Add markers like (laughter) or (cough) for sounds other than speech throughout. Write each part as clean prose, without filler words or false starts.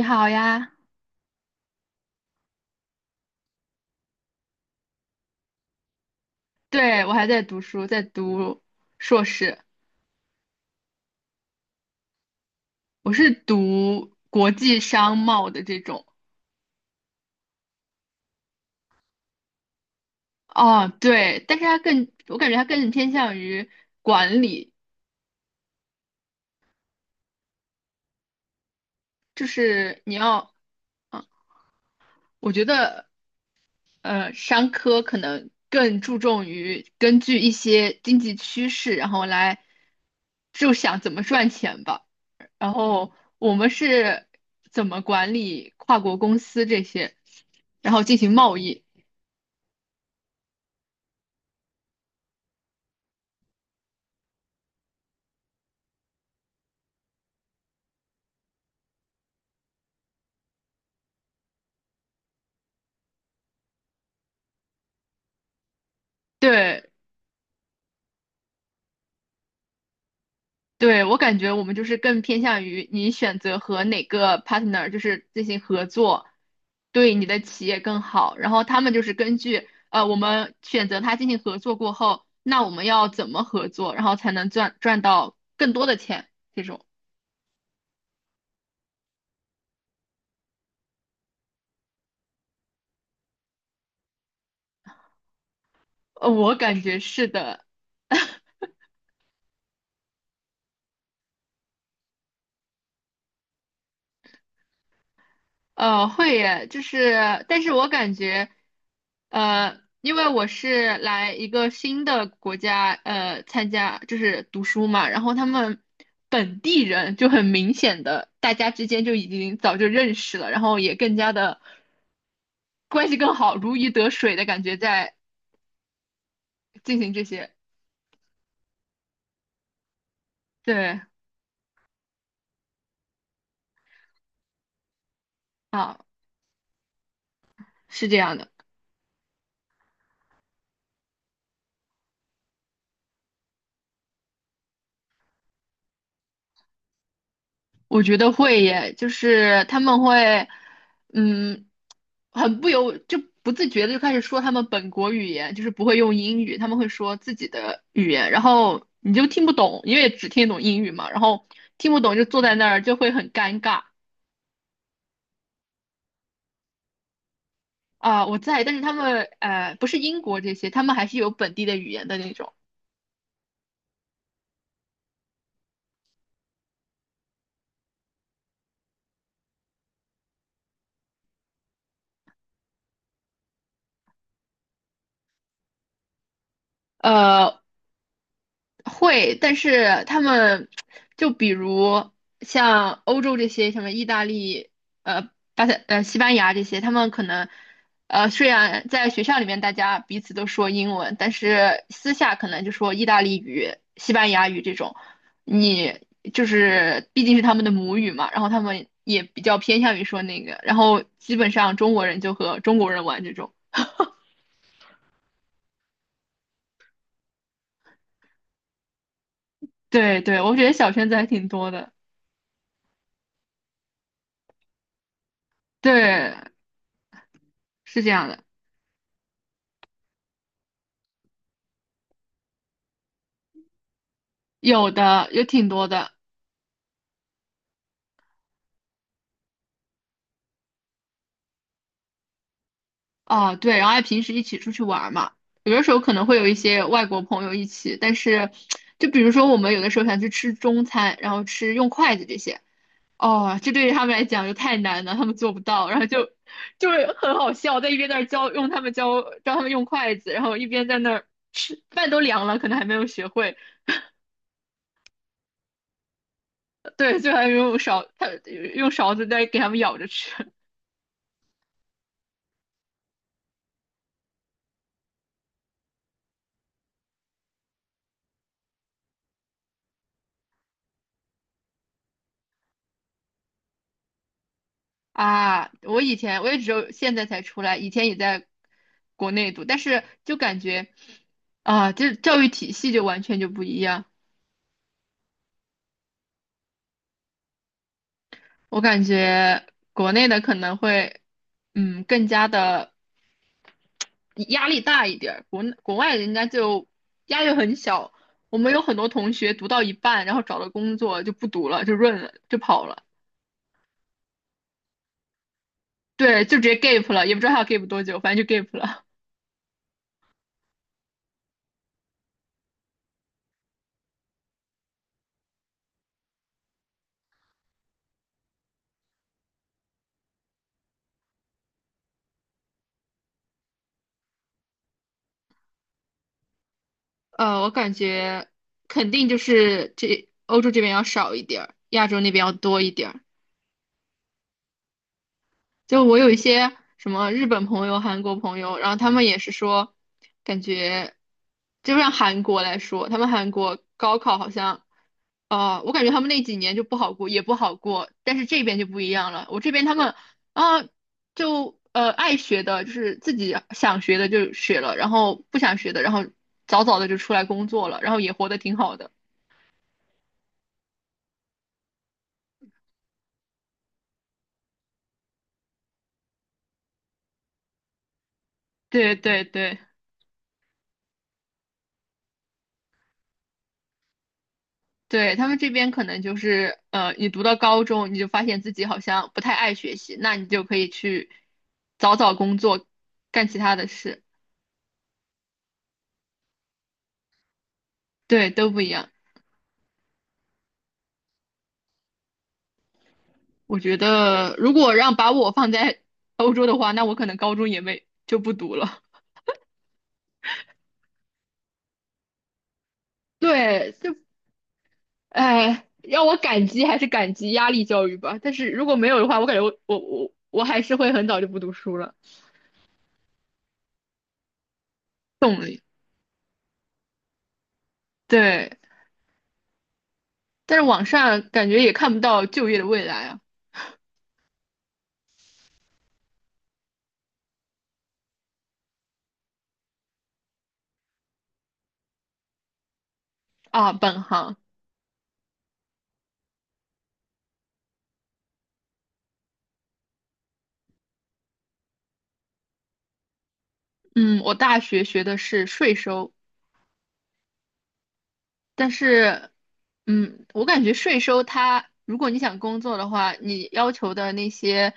你好呀，对，我还在读书，在读硕士，我是读国际商贸的这种。哦，对，但是我感觉它更偏向于管理，就是你要，嗯，我觉得，商科可能更注重于根据一些经济趋势，然后来就想怎么赚钱吧。然后我们是怎么管理跨国公司这些，然后进行贸易。对，对，我感觉我们就是更偏向于你选择和哪个 partner 就是进行合作，对你的企业更好。然后他们就是根据我们选择他进行合作过后，那我们要怎么合作，然后才能赚到更多的钱？这种，我感觉是的。会耶，就是，但是我感觉，因为我是来一个新的国家，参加就是读书嘛，然后他们本地人就很明显的，大家之间就已经早就认识了，然后也更加的关系更好，如鱼得水的感觉在进行这些，对，啊，是这样的，我觉得会耶，就是他们会，嗯。很不由就不自觉的就开始说他们本国语言，就是不会用英语，他们会说自己的语言，然后你就听不懂，因为只听得懂英语嘛，然后听不懂就坐在那儿就会很尴尬啊、我在，但是他们不是英国这些，他们还是有本地的语言的那种。呃，会，但是他们就比如像欧洲这些，什么意大利、呃巴塞、呃西班牙这些，他们可能虽然在学校里面大家彼此都说英文，但是私下可能就说意大利语、西班牙语这种。你就是毕竟是他们的母语嘛，然后他们也比较偏向于说那个，然后基本上中国人就和中国人玩这种。对对，我觉得小圈子还挺多的。对，是这样的。有的，有挺多的啊，对，然后还平时一起出去玩儿嘛，有的时候可能会有一些外国朋友一起，但是就比如说我们有的时候想去吃中餐，然后吃用筷子这些，哦，这对于他们来讲就太难了，他们做不到，然后就是很好笑，在一边在那儿教用他们教教他们用筷子，然后一边在那儿吃，饭都凉了，可能还没有学会，对，就还没有勺，他用勺子在给他们舀着吃，啊，我以前我也只有现在才出来，以前也在国内读，但是就感觉啊，就是教育体系就完全就不一样。我感觉国内的可能会，更加的压力大一点儿国外人家就压力很小。我们有很多同学读到一半，然后找了工作就不读了，就润了，就跑了，对，就直接 gap 了，也不知道他要 gap 多久，反正就 gap 了。我感觉肯定就是这欧洲这边要少一点儿，亚洲那边要多一点儿。就我有一些什么日本朋友、韩国朋友，然后他们也是说，感觉就让韩国来说，他们韩国高考好像，我感觉他们那几年就不好过，也不好过，但是这边就不一样了。我这边他们啊，就爱学的，就是自己想学的就学了，然后不想学的，然后早早的就出来工作了，然后也活得挺好的。对对对对，他们这边可能就是你读到高中，你就发现自己好像不太爱学习，那你就可以去早早工作，干其他的事，对，都不一样。我觉得如果让把我放在 (laughs) 欧洲的话，那我可能高中也没就不读了。对，就哎，让我感激还是感激压力教育吧。但是如果没有的话，我感觉我还是会很早就不读书了。对，但是网上感觉也看不到就业的未来啊啊，本行。嗯，我大学学的是税收，但是，我感觉税收它，如果你想工作的话，你要求的那些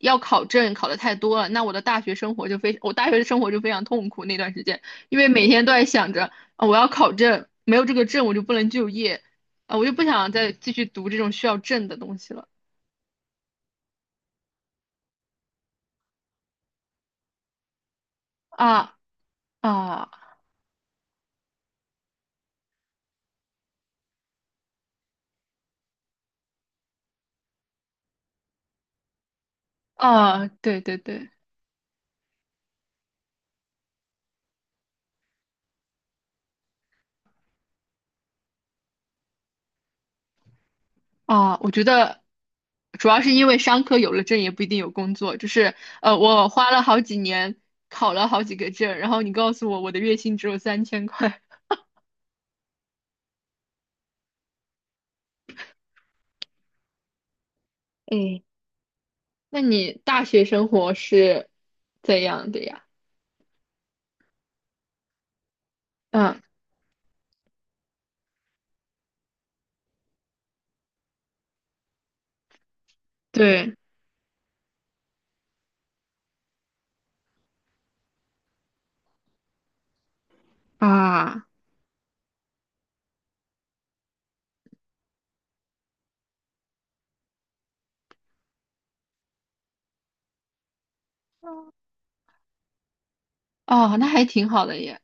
要考证考的太多了，那我的大学生活就非，我大学的生活就非常痛苦那段时间，因为每天都在想着，啊，我要考证，没有这个证我就不能就业，啊，我就不想再继续读这种需要证的东西了，啊啊啊，对对对，啊，我觉得主要是因为商科有了证也不一定有工作，就是我花了好几年考了好几个证，然后你告诉我我的月薪只有3000块，(laughs) 哎，那你大学生活是怎样的呀？嗯，对啊，哦，那还挺好的耶。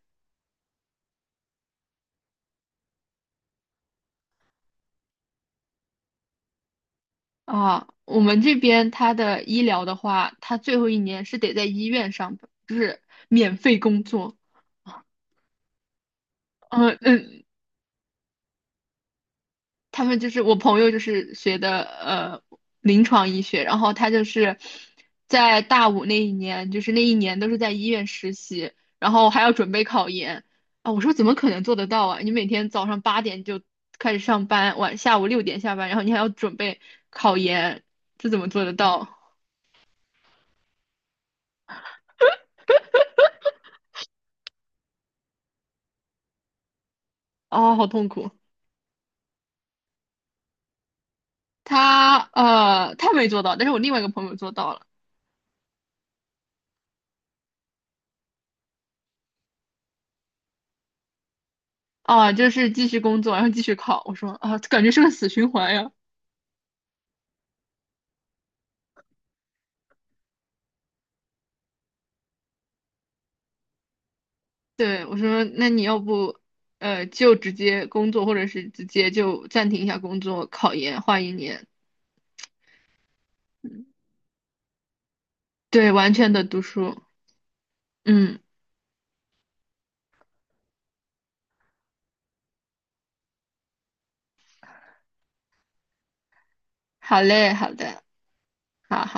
啊，我们这边他的医疗的话，他最后一年是得在医院上班，就是免费工作。嗯嗯，他们就是我朋友就是学的临床医学，然后他就是在大五那一年，就是那一年都是在医院实习，然后还要准备考研啊。我说怎么可能做得到啊？你每天早上8点就开始上班，下午6点下班，然后你还要准备考研，这怎么做得到？哦，好痛苦。他没做到，但是我另外一个朋友做到了。啊，就是继续工作，然后继续考。我说啊，感觉是个死循环呀。对，我说，那你要不，就直接工作，或者是直接就暂停一下工作，考研换一年。对，完全的读书。嗯，好嘞，好的，好好。